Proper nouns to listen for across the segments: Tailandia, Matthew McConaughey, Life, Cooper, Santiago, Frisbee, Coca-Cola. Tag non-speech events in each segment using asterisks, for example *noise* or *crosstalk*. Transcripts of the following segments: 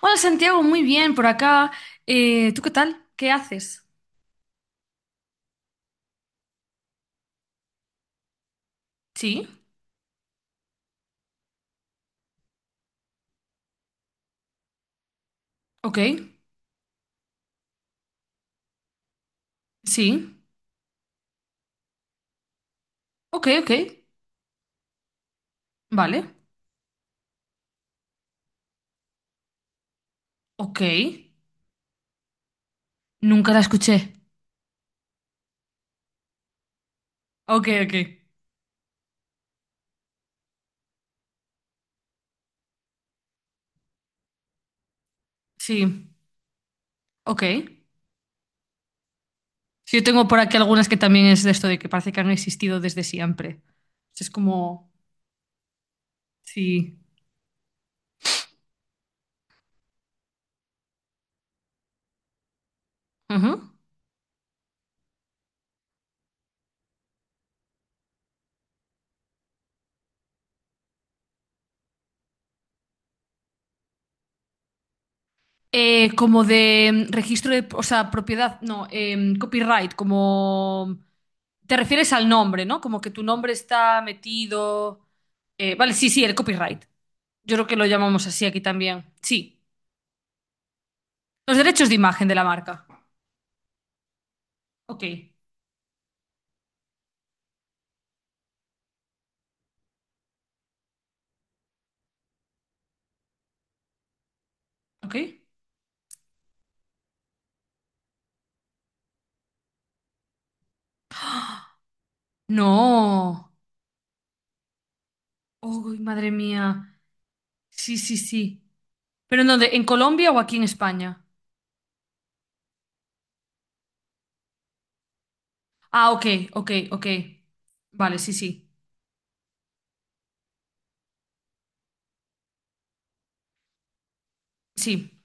Hola Santiago, muy bien por acá. ¿Tú qué tal? ¿Qué haces? Sí, ok, sí, ok, ok, vale, ok. Nunca la escuché. Ok, ok, sí, ok. Sí, yo tengo por aquí algunas que también es de esto de que parece que han existido desde siempre. Es como, sí. Ujú. Como de registro de, o sea, propiedad, no, copyright, como... Te refieres al nombre, ¿no? Como que tu nombre está metido. Vale, sí, el copyright. Yo creo que lo llamamos así aquí también. Sí. Los derechos de imagen de la marca. Ok. Ok. No. Uy, madre mía. Sí, sí, sí. ¿Pero en dónde? ¿En Colombia o aquí en España? Ah, ok, ok, ok. Vale, sí, sí. Sí.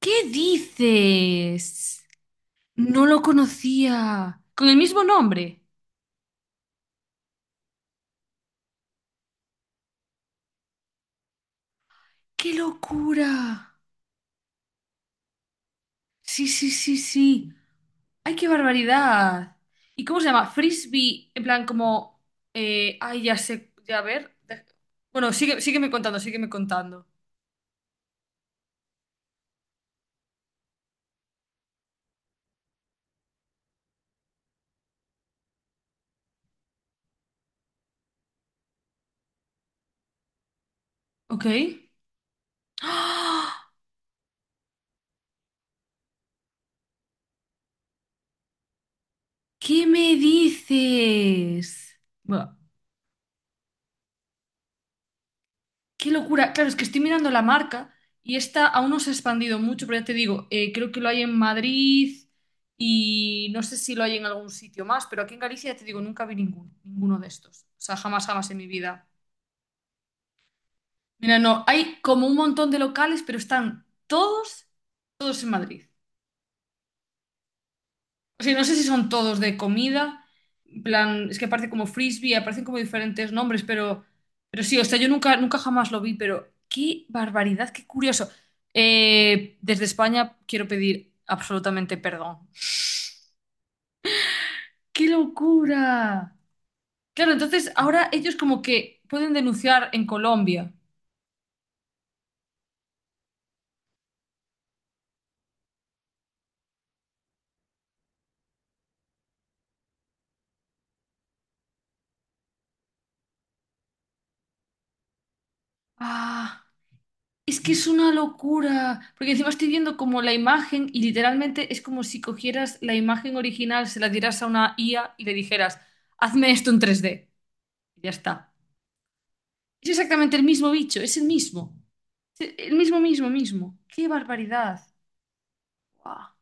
¿Qué dices? No lo conocía. ¿Con el mismo nombre? ¡Qué locura! Sí, sí, sí, sí. ¡Ay, qué barbaridad! ¿Y cómo se llama? Frisbee, en plan como... ay, ya sé, ya a ver. De- Bueno, sigue, sígueme contando. Ok. ¡Ah! ¿Qué me dices? Buah, qué locura. Claro, es que estoy mirando la marca y esta aún no se ha expandido mucho, pero ya te digo, creo que lo hay en Madrid y no sé si lo hay en algún sitio más, pero aquí en Galicia ya te digo, nunca vi ninguno, ninguno de estos. O sea, jamás, jamás en mi vida. Mira, no, hay como un montón de locales, pero están todos, todos en Madrid. O sea, no sé si son todos de comida, en plan, es que aparece como frisbee, aparecen como diferentes nombres, pero sí, o sea, yo nunca, nunca jamás lo vi, pero qué barbaridad, qué curioso. Desde España quiero pedir absolutamente perdón. ¡Qué locura! Claro, entonces ahora ellos como que pueden denunciar en Colombia. Ah. Es que es una locura, porque encima estoy viendo como la imagen y literalmente es como si cogieras la imagen original, se la dieras a una IA y le dijeras, hazme esto en tres d. Y ya está. Es exactamente el mismo bicho, es el mismo. Es el mismo, mismo, mismo. ¡Qué barbaridad! Guau.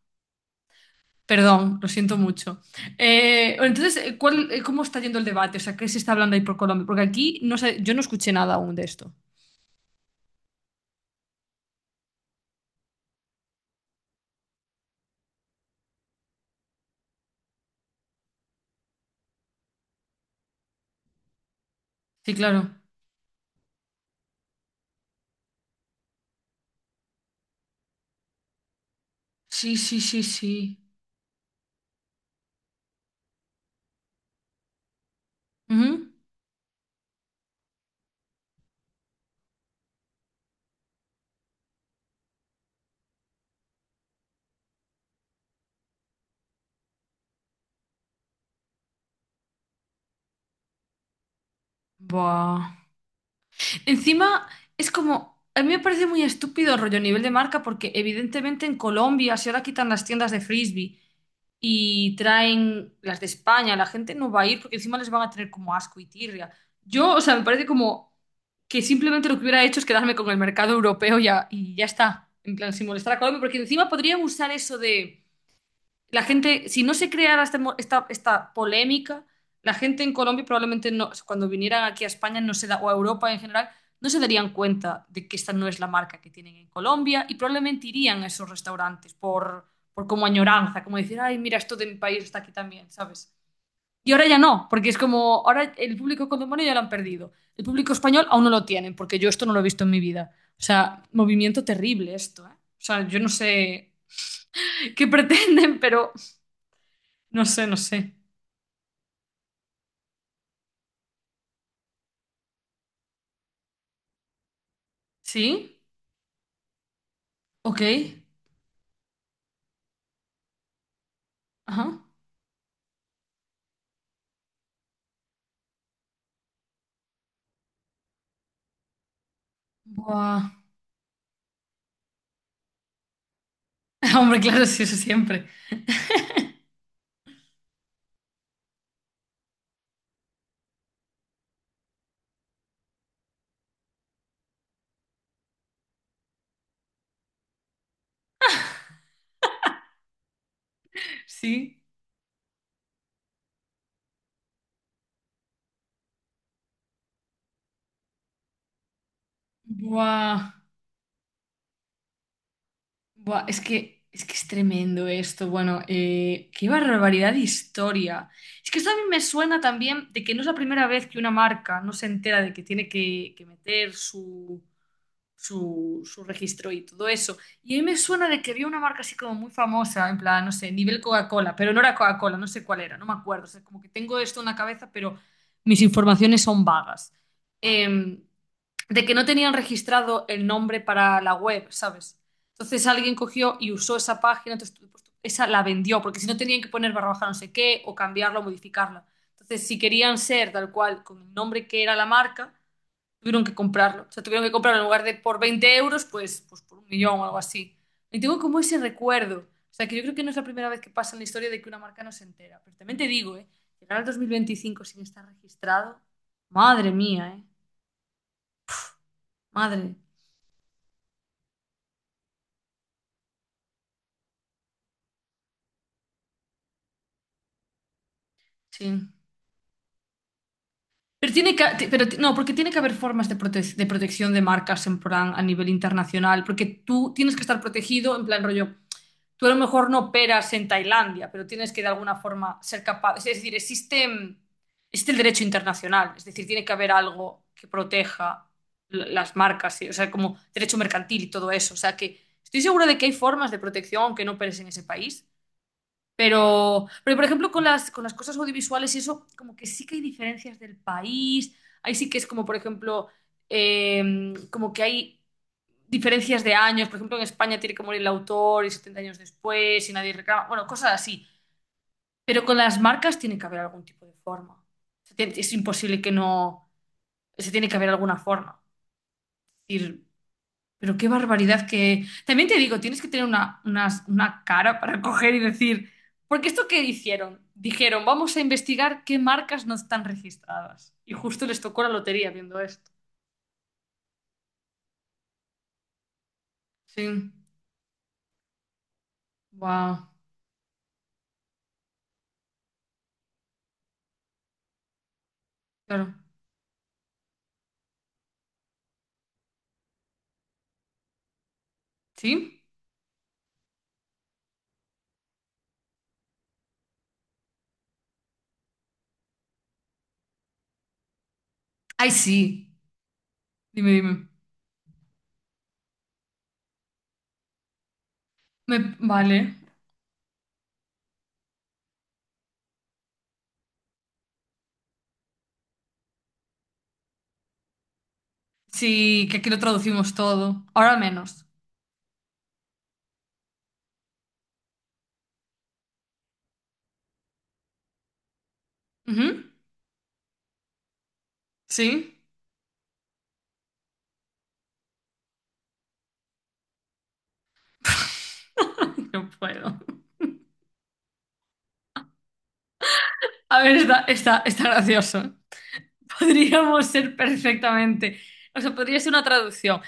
Perdón, lo siento mucho. Bueno, entonces, ¿cómo está yendo el debate? O sea, ¿qué se está hablando ahí por Colombia? Porque aquí no sé, yo no escuché nada aún de esto. Sí, claro. Sí, sí, sí, sí. Ujú. Buah. Encima es como, a mí me parece muy estúpido el rollo a nivel de marca porque evidentemente en Colombia si ahora quitan las tiendas de frisbee y traen las de España, la gente no va a ir porque encima les van a tener como asco y tirria. Yo, o sea, me parece como que simplemente lo que hubiera hecho es quedarme con el mercado europeo ya, y ya está, en plan, sin molestar a Colombia porque encima podrían usar eso de la gente, si no se creara este esta, esta polémica, la gente en Colombia probablemente no, cuando vinieran aquí a España no se da, o a Europa en general, no se darían cuenta de que esta no es la marca que tienen en Colombia y probablemente irían a esos restaurantes por como añoranza, como decir, ay, mira, esto de mi país está aquí también, ¿sabes? Y ahora ya no, porque es como, ahora el público colombiano ya lo han perdido. El público español aún no lo tienen, porque yo esto no lo he visto en mi vida. O sea, movimiento terrible esto, ¿eh? O sea, yo no sé *laughs* qué pretenden, pero no sé, no sé. ¿Sí? Ok. Ajá. Buah. *laughs* Hombre, claro, sí, eso siempre. Sí. Buah. Buah. Es que es tremendo esto. Bueno, qué barbaridad de historia. Es que esto a mí me suena también de que no es la primera vez que una marca no se entera de que que meter su registro y todo eso. Y a mí me suena de que había una marca así como muy famosa, en plan, no sé, nivel Coca-Cola, pero no era Coca-Cola, no sé cuál era, no me acuerdo. O sea, como que tengo esto en la cabeza, pero mis informaciones son vagas. Em, de que no tenían registrado el nombre para la web, ¿sabes? Entonces alguien cogió y usó esa página, entonces esa la vendió, porque si no tenían que poner barra baja no sé qué, o cambiarla, o modificarla. Entonces, si querían ser tal cual, con el nombre que era la marca, tuvieron que comprarlo. O sea, tuvieron que comprarlo en lugar de por 20 euros, pues por un millón o algo así. Y tengo como ese recuerdo. O sea, que yo creo que no es la primera vez que pasa en la historia de que una marca no se entera. Pero también te digo, ¿eh? Llegar al 2025 sin estar registrado. Madre mía, ¿eh? Madre. Sí. Pero tiene que, ti- pero ti- No, porque tiene que haber formas de, de protección de marcas en plan a nivel internacional, porque tú tienes que estar protegido en plan rollo. Tú a lo mejor no operas en Tailandia, pero tienes que de alguna forma ser capaz. Es decir, existe, existe el derecho internacional, es decir, tiene que haber algo que proteja las marcas, ¿sí? O sea, como derecho mercantil y todo eso. O sea, que estoy segura de que hay formas de protección aunque no operes en ese país. Pero por ejemplo, con las cosas audiovisuales y eso, como que sí que hay diferencias del país. Ahí sí que es como, por ejemplo, como que hay diferencias de años. Por ejemplo, en España tiene que morir el autor y 70 años después y nadie reclama. Bueno, cosas así. Pero con las marcas tiene que haber algún tipo de forma. O sea, es imposible que no... Se tiene que haber alguna forma. Es decir, pero qué barbaridad que... También te digo, tienes que tener una cara para *laughs* coger y decir... Porque esto que hicieron, dijeron, vamos a investigar qué marcas no están registradas. Y justo les tocó la lotería viendo esto. Sí. Wow. Claro. ¿Sí? Ay, sí. Dime, dime. Vale. Sí, que aquí lo traducimos todo. Ahora menos. Ujú. Sí. *laughs* No puedo. A ver, está gracioso. Podríamos ser perfectamente. O sea, podría ser una traducción.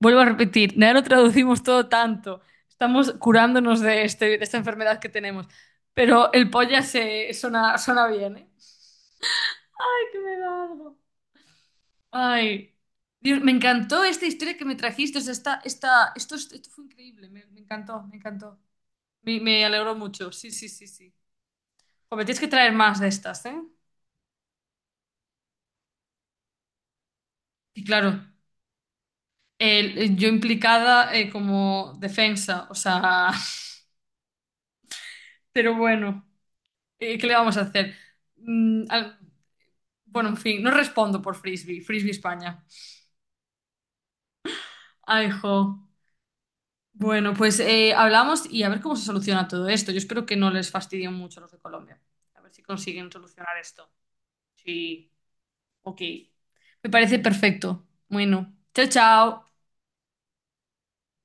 Vuelvo a repetir, ya lo traducimos todo tanto. Estamos curándonos de, este, de esta enfermedad que tenemos. Pero el polla se suena, suena bien, ¿eh? Ay, que me da algo. Ay, Dios, me encantó esta historia que me trajiste. O sea, esto fue increíble. Me encantó, me encantó. Me alegró mucho. Sí, sí, sí, sí. Joder, tienes que traer más de estas, ¿eh? Y claro, yo implicada como defensa, o sea, *laughs* pero bueno, ¿qué le vamos a hacer? Mm, al- bueno, en fin, no respondo por Frisbee, Frisbee España. Ay, jo. Bueno, pues hablamos y a ver cómo se soluciona todo esto. Yo espero que no les fastidien mucho a los de Colombia. A ver si consiguen solucionar esto. Sí, ok. Me parece perfecto. Bueno, chao, chao.